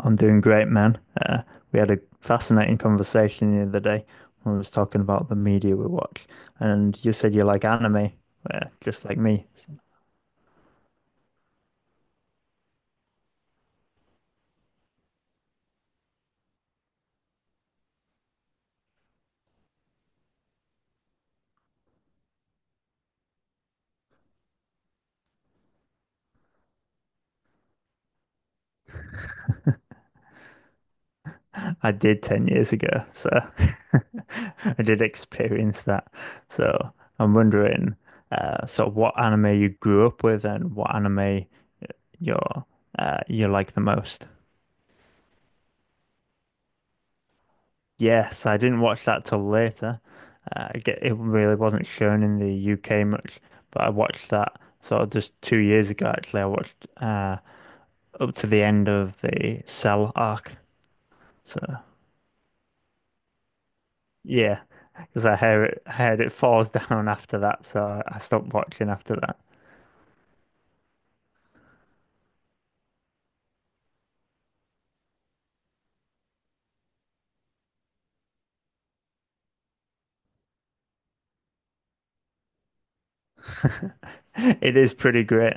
I'm doing great, man. We had a fascinating conversation the other day when we was talking about the media we watch, and you said you like anime, just like me. I did 10 years ago, so I did experience that. So I'm wondering, sort of what anime you grew up with and what anime you're, you like the most. Yes, I didn't watch that till later. It really wasn't shown in the UK much, but I watched that sort of just 2 years ago, actually. I watched up to the end of the Cell arc. So, yeah, because I heard it falls down after that, so I stopped watching after that. It is pretty great.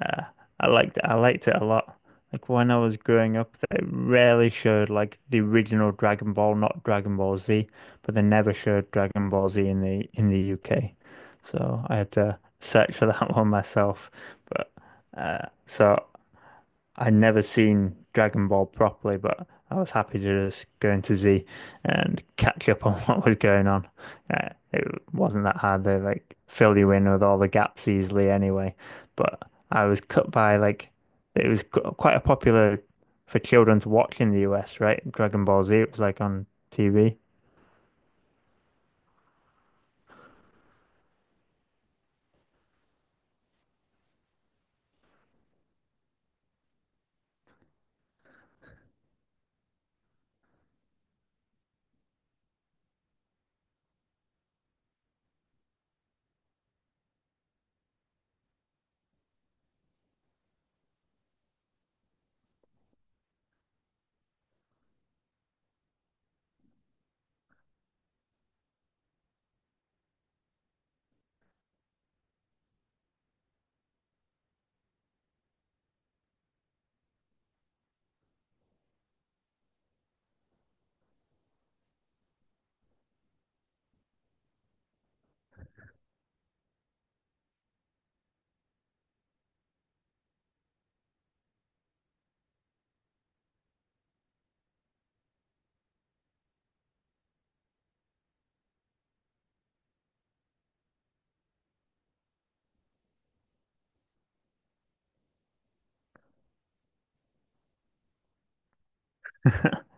Uh, I liked it a lot. Like when I was growing up, they rarely showed like the original Dragon Ball, not Dragon Ball Z, but they never showed Dragon Ball Z in the UK. So I had to search for that one myself. But so. I'd never seen Dragon Ball properly, but I was happy to just go into Z and catch up on what was going on. It wasn't that hard. They like fill you in with all the gaps easily anyway. But I was cut by like it was quite a popular for children to watch in the US, right? Dragon Ball Z, it was like on TV.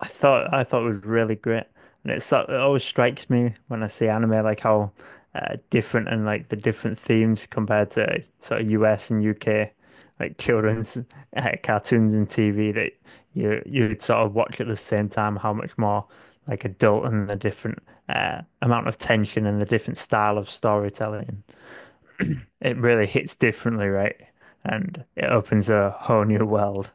I thought it was really great, and it always strikes me when I see anime like how different and like the different themes compared to sort of US and UK like children's cartoons and TV that you'd sort of watch at the same time how much more like adult and the different amount of tension and the different style of storytelling. It really hits differently, right? And it opens a whole new world.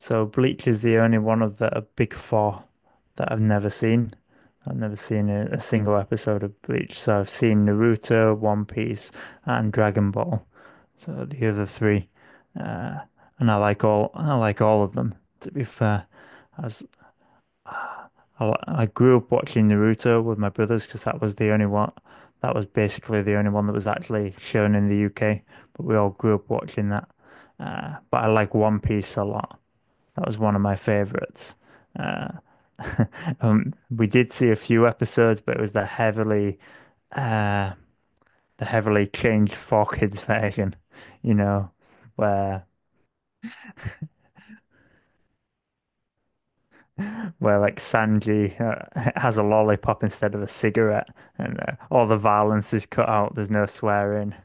So Bleach is the only one of the big four that I've never seen. I've never seen a single episode of Bleach. So I've seen Naruto, One Piece, and Dragon Ball. So the other three, and I like all of them. To be fair, as I grew up watching Naruto with my brothers because that was the only one that was basically the only one that was actually shown in the UK. But we all grew up watching that. But I like One Piece a lot. That was one of my favorites. Uh, we did see a few episodes, but it was uh, the heavily changed for kids version, you know, where where like Sanji has a lollipop instead of a cigarette, and all the violence is cut out. There's no swearing.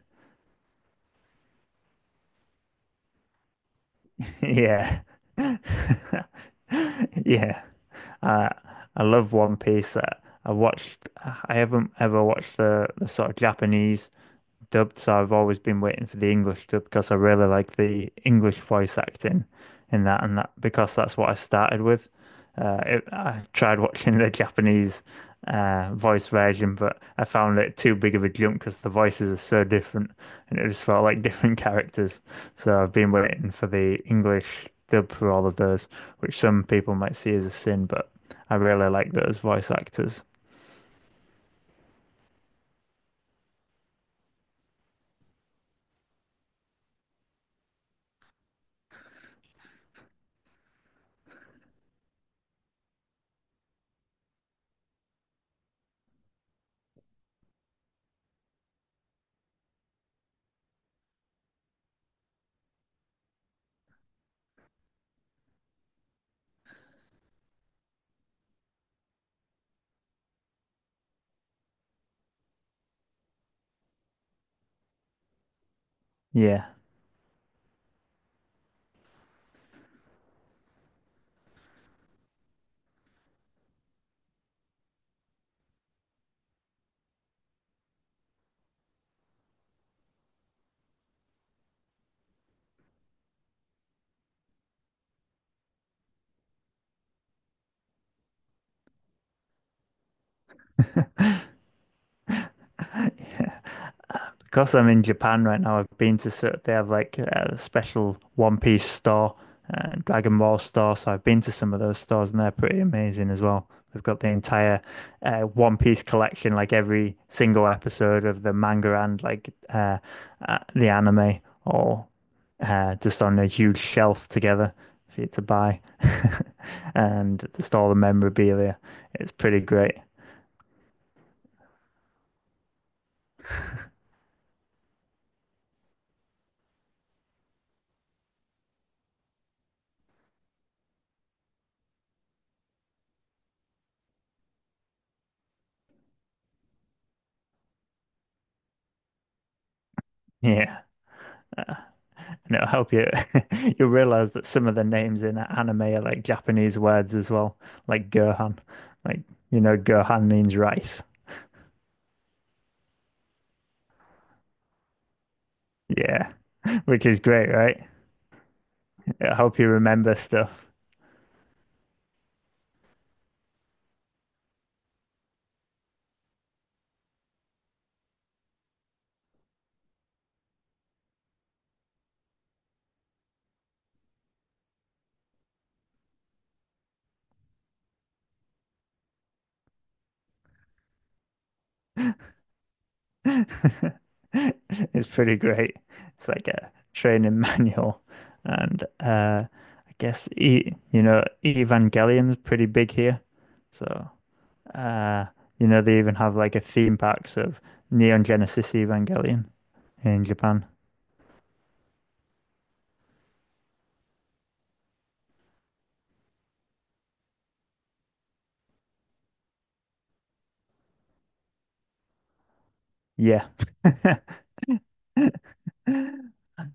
Yeah, yeah. Uh, I love One Piece. I watched. I haven't ever watched the sort of Japanese dubbed, so I've always been waiting for the English dub because I really like the English voice acting in that, and that because that's what I started with. I tried watching the Japanese voice version, but I found it too big of a jump because the voices are so different, and it just felt like different characters. So I've been waiting for the English dub for all of those, which some people might see as a sin, but I really like those voice actors. Yeah. Yeah. Because I'm in Japan right now, I've been to sort they have like a special One Piece store and Dragon Ball store, so I've been to some of those stores and they're pretty amazing as well. They've got the entire One Piece collection, like every single episode of the manga and like the anime, all just on a huge shelf together for you to buy, and just all the memorabilia. It's pretty great. Yeah. Uh, And it'll help you. You'll realize that some of the names in anime are like Japanese words as well, like Gohan. Like, you know, Gohan means rice. Yeah, which is great, right? It'll help you remember stuff. It's pretty great. It's like a training manual. And I guess, e you know, Evangelion's pretty big here. So, uh, you know, they even have like a theme park of Neon Genesis Evangelion in Japan. Yeah.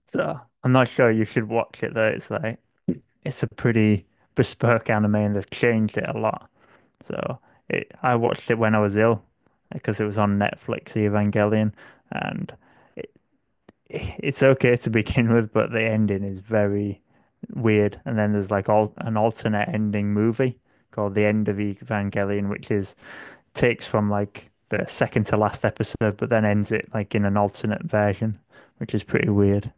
So I'm not sure you should watch it though. It's like it's a pretty bespoke anime and they've changed it a lot. So I watched it when I was ill because it was on Netflix, Evangelion, and it, it's okay to begin with, but the ending is very weird. And then there's like all an alternate ending movie called The End of Evangelion, which is takes from like the second to last episode, but then ends it like in an alternate version, which is pretty weird.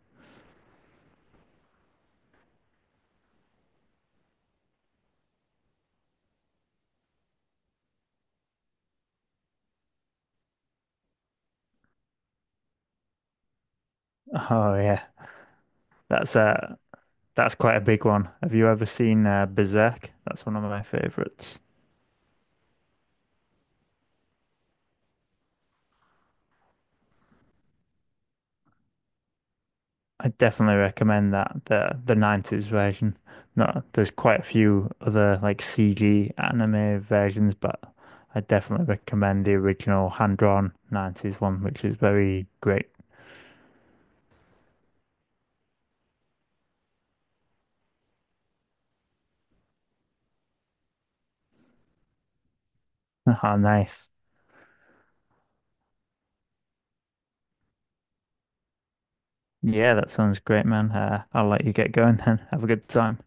Oh yeah, that's that's quite a big one. Have you ever seen Berserk? That's one of my favorites. I definitely recommend that the 90s version. No, there's quite a few other like CG anime versions, but I definitely recommend the original hand-drawn 90s one, which is very great. Ah, nice. Yeah, that sounds great, man. I'll let you get going then. Have a good time.